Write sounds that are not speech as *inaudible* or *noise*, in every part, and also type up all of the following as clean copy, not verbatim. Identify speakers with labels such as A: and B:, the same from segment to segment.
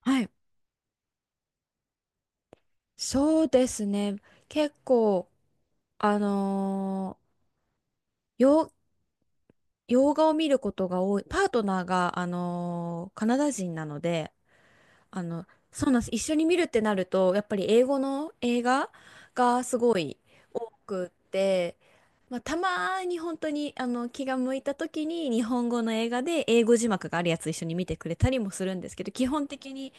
A: はい。そうですね。結構、あのー、洋、洋画を見ることが多い。パートナーが、カナダ人なので、あの、そうなんです。一緒に見るってなると、やっぱり英語の映画がすごい多くって、まあ、たまに本当に気が向いた時に日本語の映画で英語字幕があるやつ一緒に見てくれたりもするんですけど、基本的に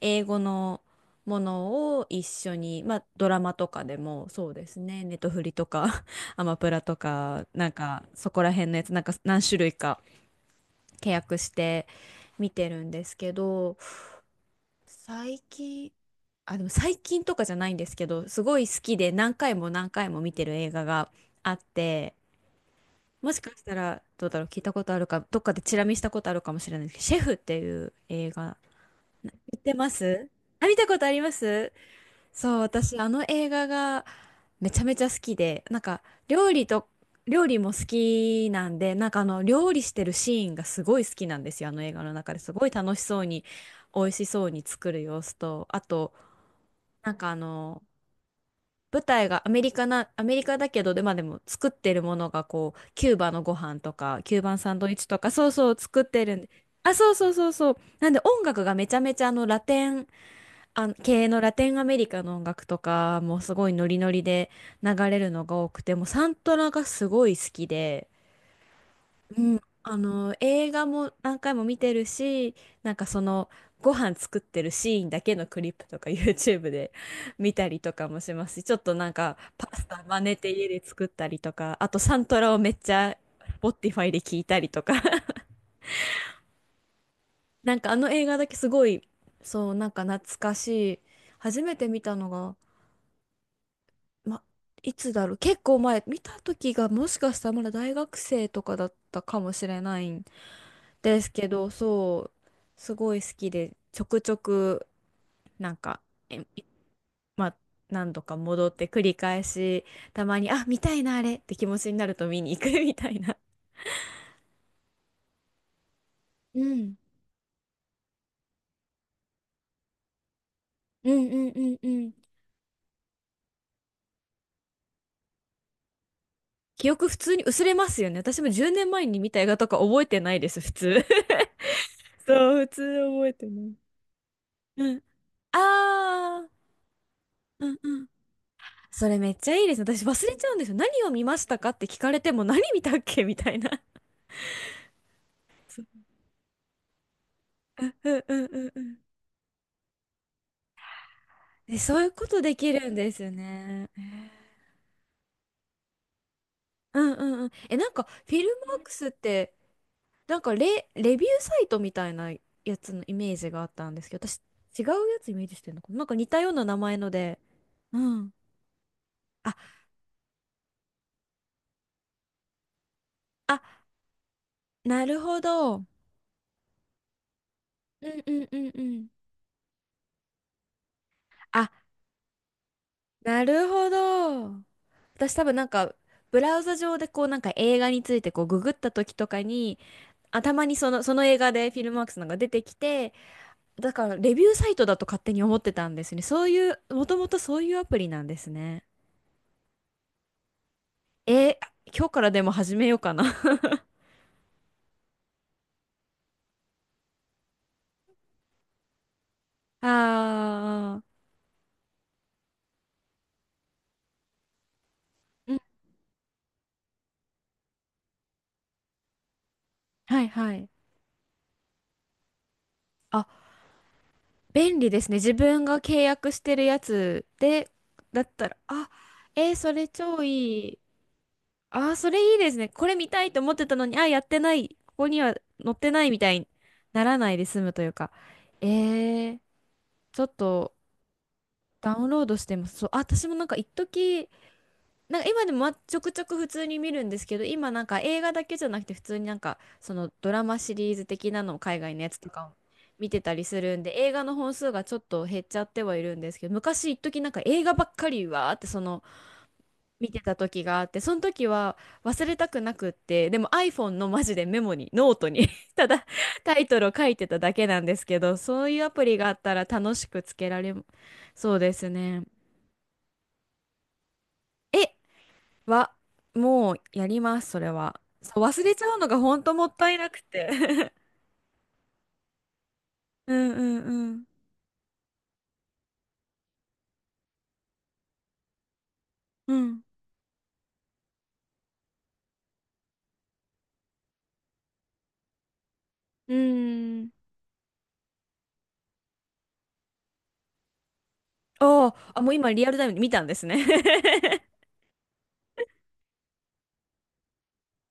A: 英語のものを一緒に、まあ、ドラマとかでもそうですね、ネトフリとか *laughs* アマプラとか、なんかそこら辺のやつ、なんか何種類か契約して見てるんですけど、最近、あ、でも最近とかじゃないんですけど、すごい好きで何回も何回も見てる映画があって、もしかしたらどうだろう、聞いたことあるか、どっかでチラ見したことあるかもしれないですけど、シェフっていう映画、見てます？あ、見たことあります。そう、私、あの映画がめちゃめちゃ好きで、なんか料理と、料理も好きなんで、なんかあの料理してるシーンがすごい好きなんですよ、あの映画の中ですごい楽しそうに。美味しそうに作る様子と、あとなんか舞台がアメリカだけど、で、まあでも作ってるものがこう、キューバのご飯とか、キューバンサンドイッチとか、そうそう作ってるんで、あ、そうそうそうそう。なんで音楽がめちゃめちゃラテン、系のラテンアメリカの音楽とかもうすごいノリノリで流れるのが多くて、もうサントラがすごい好きで、うん、あの映画も何回も見てるしなんかそのご飯作ってるシーンだけのクリップとか YouTube で *laughs* 見たりとかもしますし、ちょっとなんかパスタ真似て家で作ったりとか、あとサントラをめっちゃ Spotify で聞いたりとか。 *laughs* なんかあの映画だけすごい、そう、なんか懐かしい。初めて見たのが、ま、いつだろう、結構前、見た時がもしかしたらまだ大学生とかだったかもしれないですけど、そう、すごい好きで、ちょくちょく、なんか、え、まあ、何度か戻って繰り返し、たまに、あ、見たいな、あれって気持ちになると見に行く *laughs* みたいな。うんうんうんうんうん。記憶普通に薄れますよね。私も10年前に見た映画とか覚えてないです、普通。*laughs* そう、普通覚えてない。うん。あー、うんうん。それめっちゃいいですね。私忘れちゃうんですよ。何を見ましたかって聞かれても何見たっけみたいな。*laughs* そう、うんうんうんうんうん。え、そういうことできるんですね。えー、うんうんうん。え、なんか、フィルマークスって、なんかレビューサイトみたいなやつのイメージがあったんですけど、私、違うやつイメージしてるのかな、なんか似たような名前ので。うん。あ、あ、なるほど。うんうんうんうん。あ、なるほど。私多分なんか、ブラウザ上でこうなんか映画についてこうググった時とかに、あ、たまにその映画でフィルマークスなんか出てきて、だからレビューサイトだと勝手に思ってたんですね。そういう、もともとそういうアプリなんですね。えー、今日からでも始めようかな。 *laughs* あー、うん、はいはい。あ、便利ですね。自分が契約してるやつで、だったら、あ、えー、それ超いい。あー、それいいですね。これ見たいと思ってたのに、あ、やってない。ここには載ってないみたいにならないで済むというか。えー、ちょっとダウンロードしてます。そう、あ、私もなんか一時、なんか今でもまちょくちょく普通に見るんですけど、今なんか映画だけじゃなくて普通になんかそのドラマシリーズ的なのを海外のやつとかを見てたりするんで、映画の本数がちょっと減っちゃってはいるんですけど、昔一時なんか映画ばっかりわーってその見てた時があって、その時は忘れたくなくって、でも iPhone のマジでメモに、ノートに *laughs* ただタイトルを書いてただけなんですけど、そういうアプリがあったら楽しくつけられ、そうですね。え、は、もうやります、それは。そう、忘れちゃうのが本当もったいなくて。*laughs* うんうんうん。うん。うーん。おー、あ、もう今リアルタイムに見たんですね。 *laughs*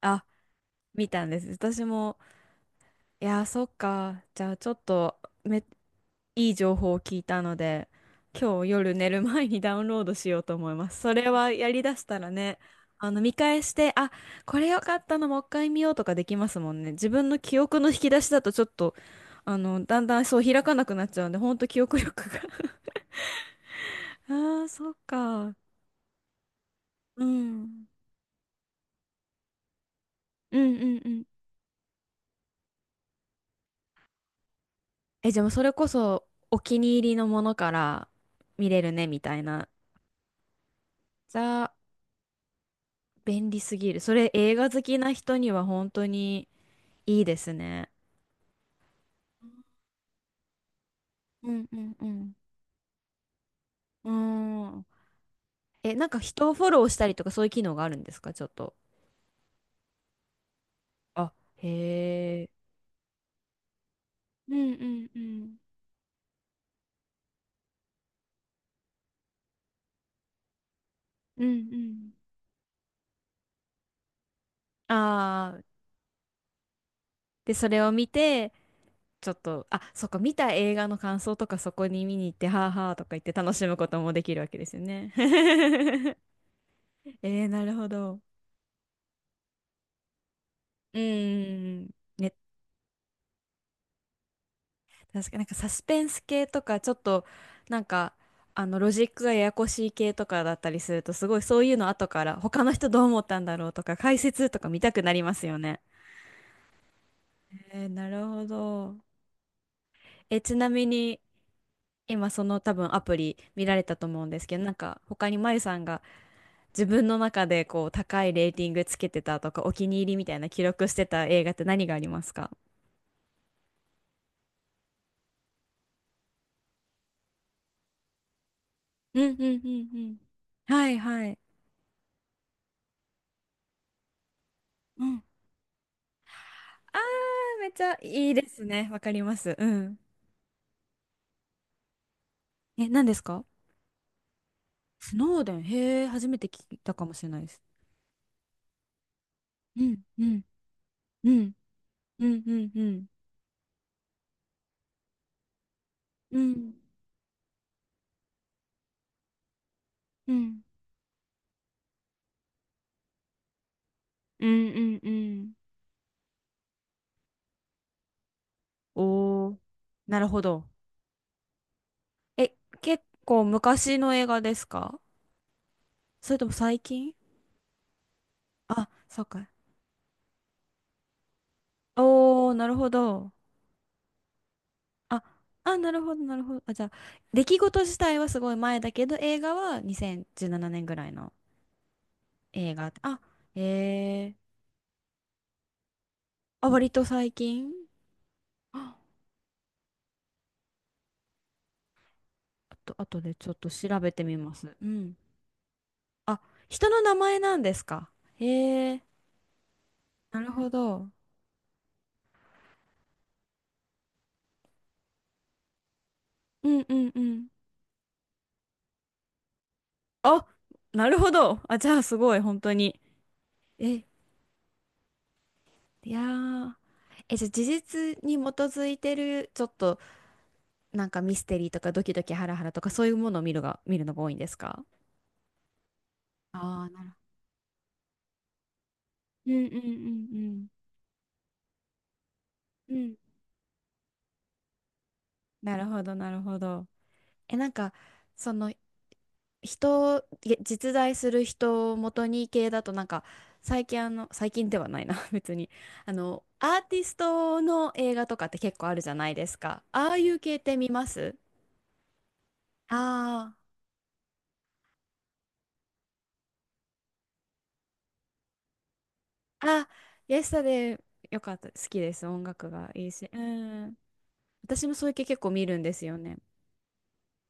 A: あ、見たんです。私も。いやー、そっか。じゃあ、ちょっといい情報を聞いたので、今日夜寝る前にダウンロードしようと思います。それはやりだしたらね、見返して、あ、これ良かったのもう一回見ようとかできますもんね。自分の記憶の引き出しだとちょっと、だんだんそう開かなくなっちゃうんで、ほんと記憶力が。 *laughs* ああ、そっか。うん。うんうんうん。え、じゃあもうそれこそお気に入りのものから見れるね、みたいな。じゃあ、便利すぎる。それ映画好きな人には本当にいいですね。うんうんうん。うーん。え、なんか人をフォローしたりとかそういう機能があるんですか、ちょっと。あ、へえ。うんうんうん。うんうん。ああ、で、それを見て、ちょっと、あ、そっか、見た映画の感想とかそこに見に行って、はあはあとか言って楽しむこともできるわけですよね。*laughs* えー、なるほど。うんうんうん。ね、確かになんかサスペンス系とかちょっとなんかロジックがややこしい系とかだったりするとすごいそういうの後から他の人どう思ったんだろうとか解説とか見たくなりますよね。えー、なるほど。え、ちなみに今その多分アプリ見られたと思うんですけど、なんか他にまゆさんが自分の中でこう高いレーティングつけてたとかお気に入りみたいな記録してた映画って何がありますか？うんうんうんうん。はいはい。うん、あー、めっちゃいいですね。わかります。うん。え、何ですか？スノーデン。へえ、初めて聞いたかもしれないです。うん、うん、うん、うん、うん、うん、うん、うん、うん、うんうん。おー、なるほど。え、結構昔の映画ですか、それとも最近？あ、そうか。おー、なるほど。あ、あ、なるほど、なるほど。あ、じゃあ、出来事自体はすごい前だけど、映画は2017年ぐらいの映画。あ、へえ、あ、割と最近。あ、あと、後でちょっと調べてみます。うん。あ、人の名前なんですか？へえ、なるほど。うんうんうん。あ、なるほど。あ、じゃあすごい、本当に。え、いやー。え、じゃあ事実に基づいてる、ちょっとミステリーとかドキドキハラハラとかそういうものを見るのが多いんですか？ああー、なるうんうんうんうん。うん。なるほど、なるほど。え、その、人、実在する人を元に系だと最近あの、最近ではないな *laughs* 別に。あの、アーティストの映画とかって結構あるじゃないですか。ああいう系って見ます？ああー、あ、イエスタで、よかった。好きです。音楽がいいし。うん。私もそういう系結構見るんですよね。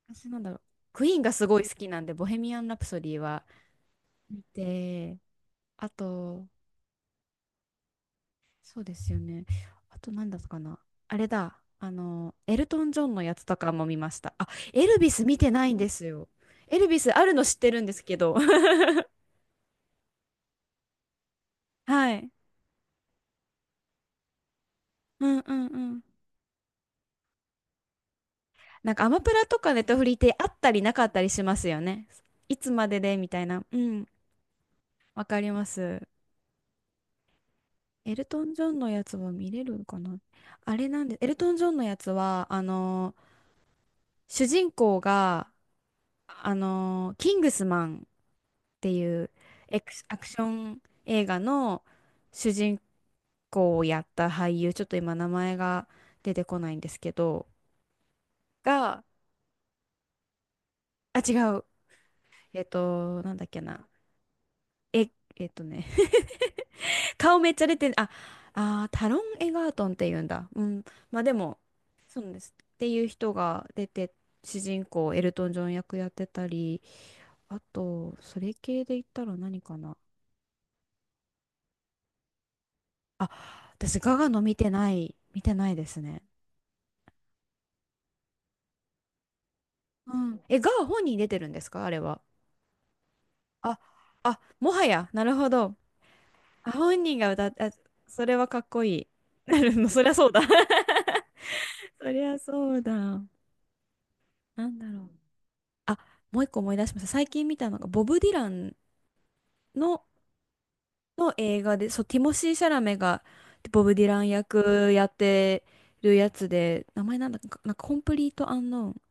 A: 私なんだろう。クイーンがすごい好きなんで、ボヘミアン・ラプソディは見て、あと、そうですよね。あと何だったかな。あれだ。あの、エルトン・ジョンのやつとかも見ました。あ、エルビス見てないんですよ。エルビスあるの知ってるんですけど。*laughs* はい。うんうんうん。なんかアマプラとかネットフリってあったりなかったりしますよね。いつまででみたいな。うん。わかります。エルトン・ジョンのやつは見れるのかな？あれなんで、エルトン・ジョンのやつは、あの、主人公が、あの、キングスマンっていうエクスアクション映画の主人公をやった俳優、ちょっと今名前が出てこないんですけど、が、あ、違う。えっと、なんだっけな。え、えっとね、*laughs* 顔めっちゃ出て、あ、あー、タロン・エガートンっていうんだ。うん。まあでも、そうなんです。っていう人が出て、主人公エルトン・ジョン役やってたり、あと、それ系で言ったら何かな。あ、私、ガガの見てない、見てないですね。うん。え、ガガ本人出てるんですかあれは。あ、あ、もはや、なるほど。あ、本人が歌って、あ、それはかっこいい。なるの、そりゃそうだ。*laughs* そりゃそうだ。なんだろう。あ、もう一個思い出しました。最近見たのが、ボブ・ディランの、映画で、そう、ティモシー・シャラメが、ボブ・ディラン役やってるやつで、名前なんだっけ、なんか、コンプリート・アンノーン。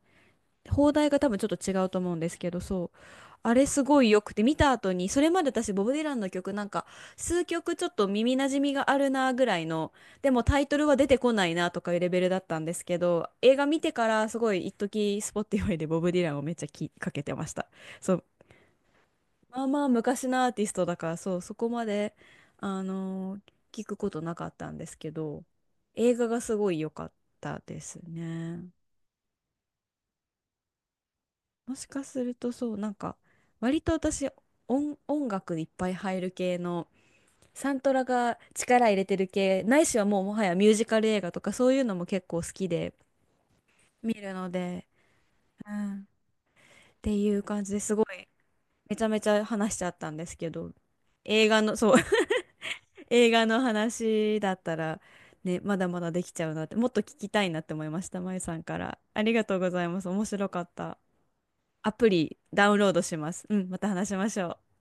A: 放題が多分ちょっと違うと思うんですけど、そう。あれすごい良くて、見た後に、それまで私、ボブ・ディランの曲なんか、数曲ちょっと耳なじみがあるなぐらいの、でもタイトルは出てこないなとかいうレベルだったんですけど、映画見てからすごい一時スポティファイでボブ・ディランをめっちゃきかけてました。そう。まあまあ昔のアーティストだから、そう、そこまで、あのー聞くことなかったんですけど、映画がすごい良かったですね。もしかするとそう、なんか、割と私、音楽いっぱい入る系の、サントラが力入れてる系、ないしはもうもはやミュージカル映画とかそういうのも結構好きで見るので、うん、っていう感じですごい、めちゃめちゃ話しちゃったんですけど、映画の、そう *laughs*、映画の話だったら、ね、まだまだできちゃうなって、もっと聞きたいなって思いました、まゆさんから。ありがとうございます。面白かった。アプリダウンロードします。うん、また話しましょう。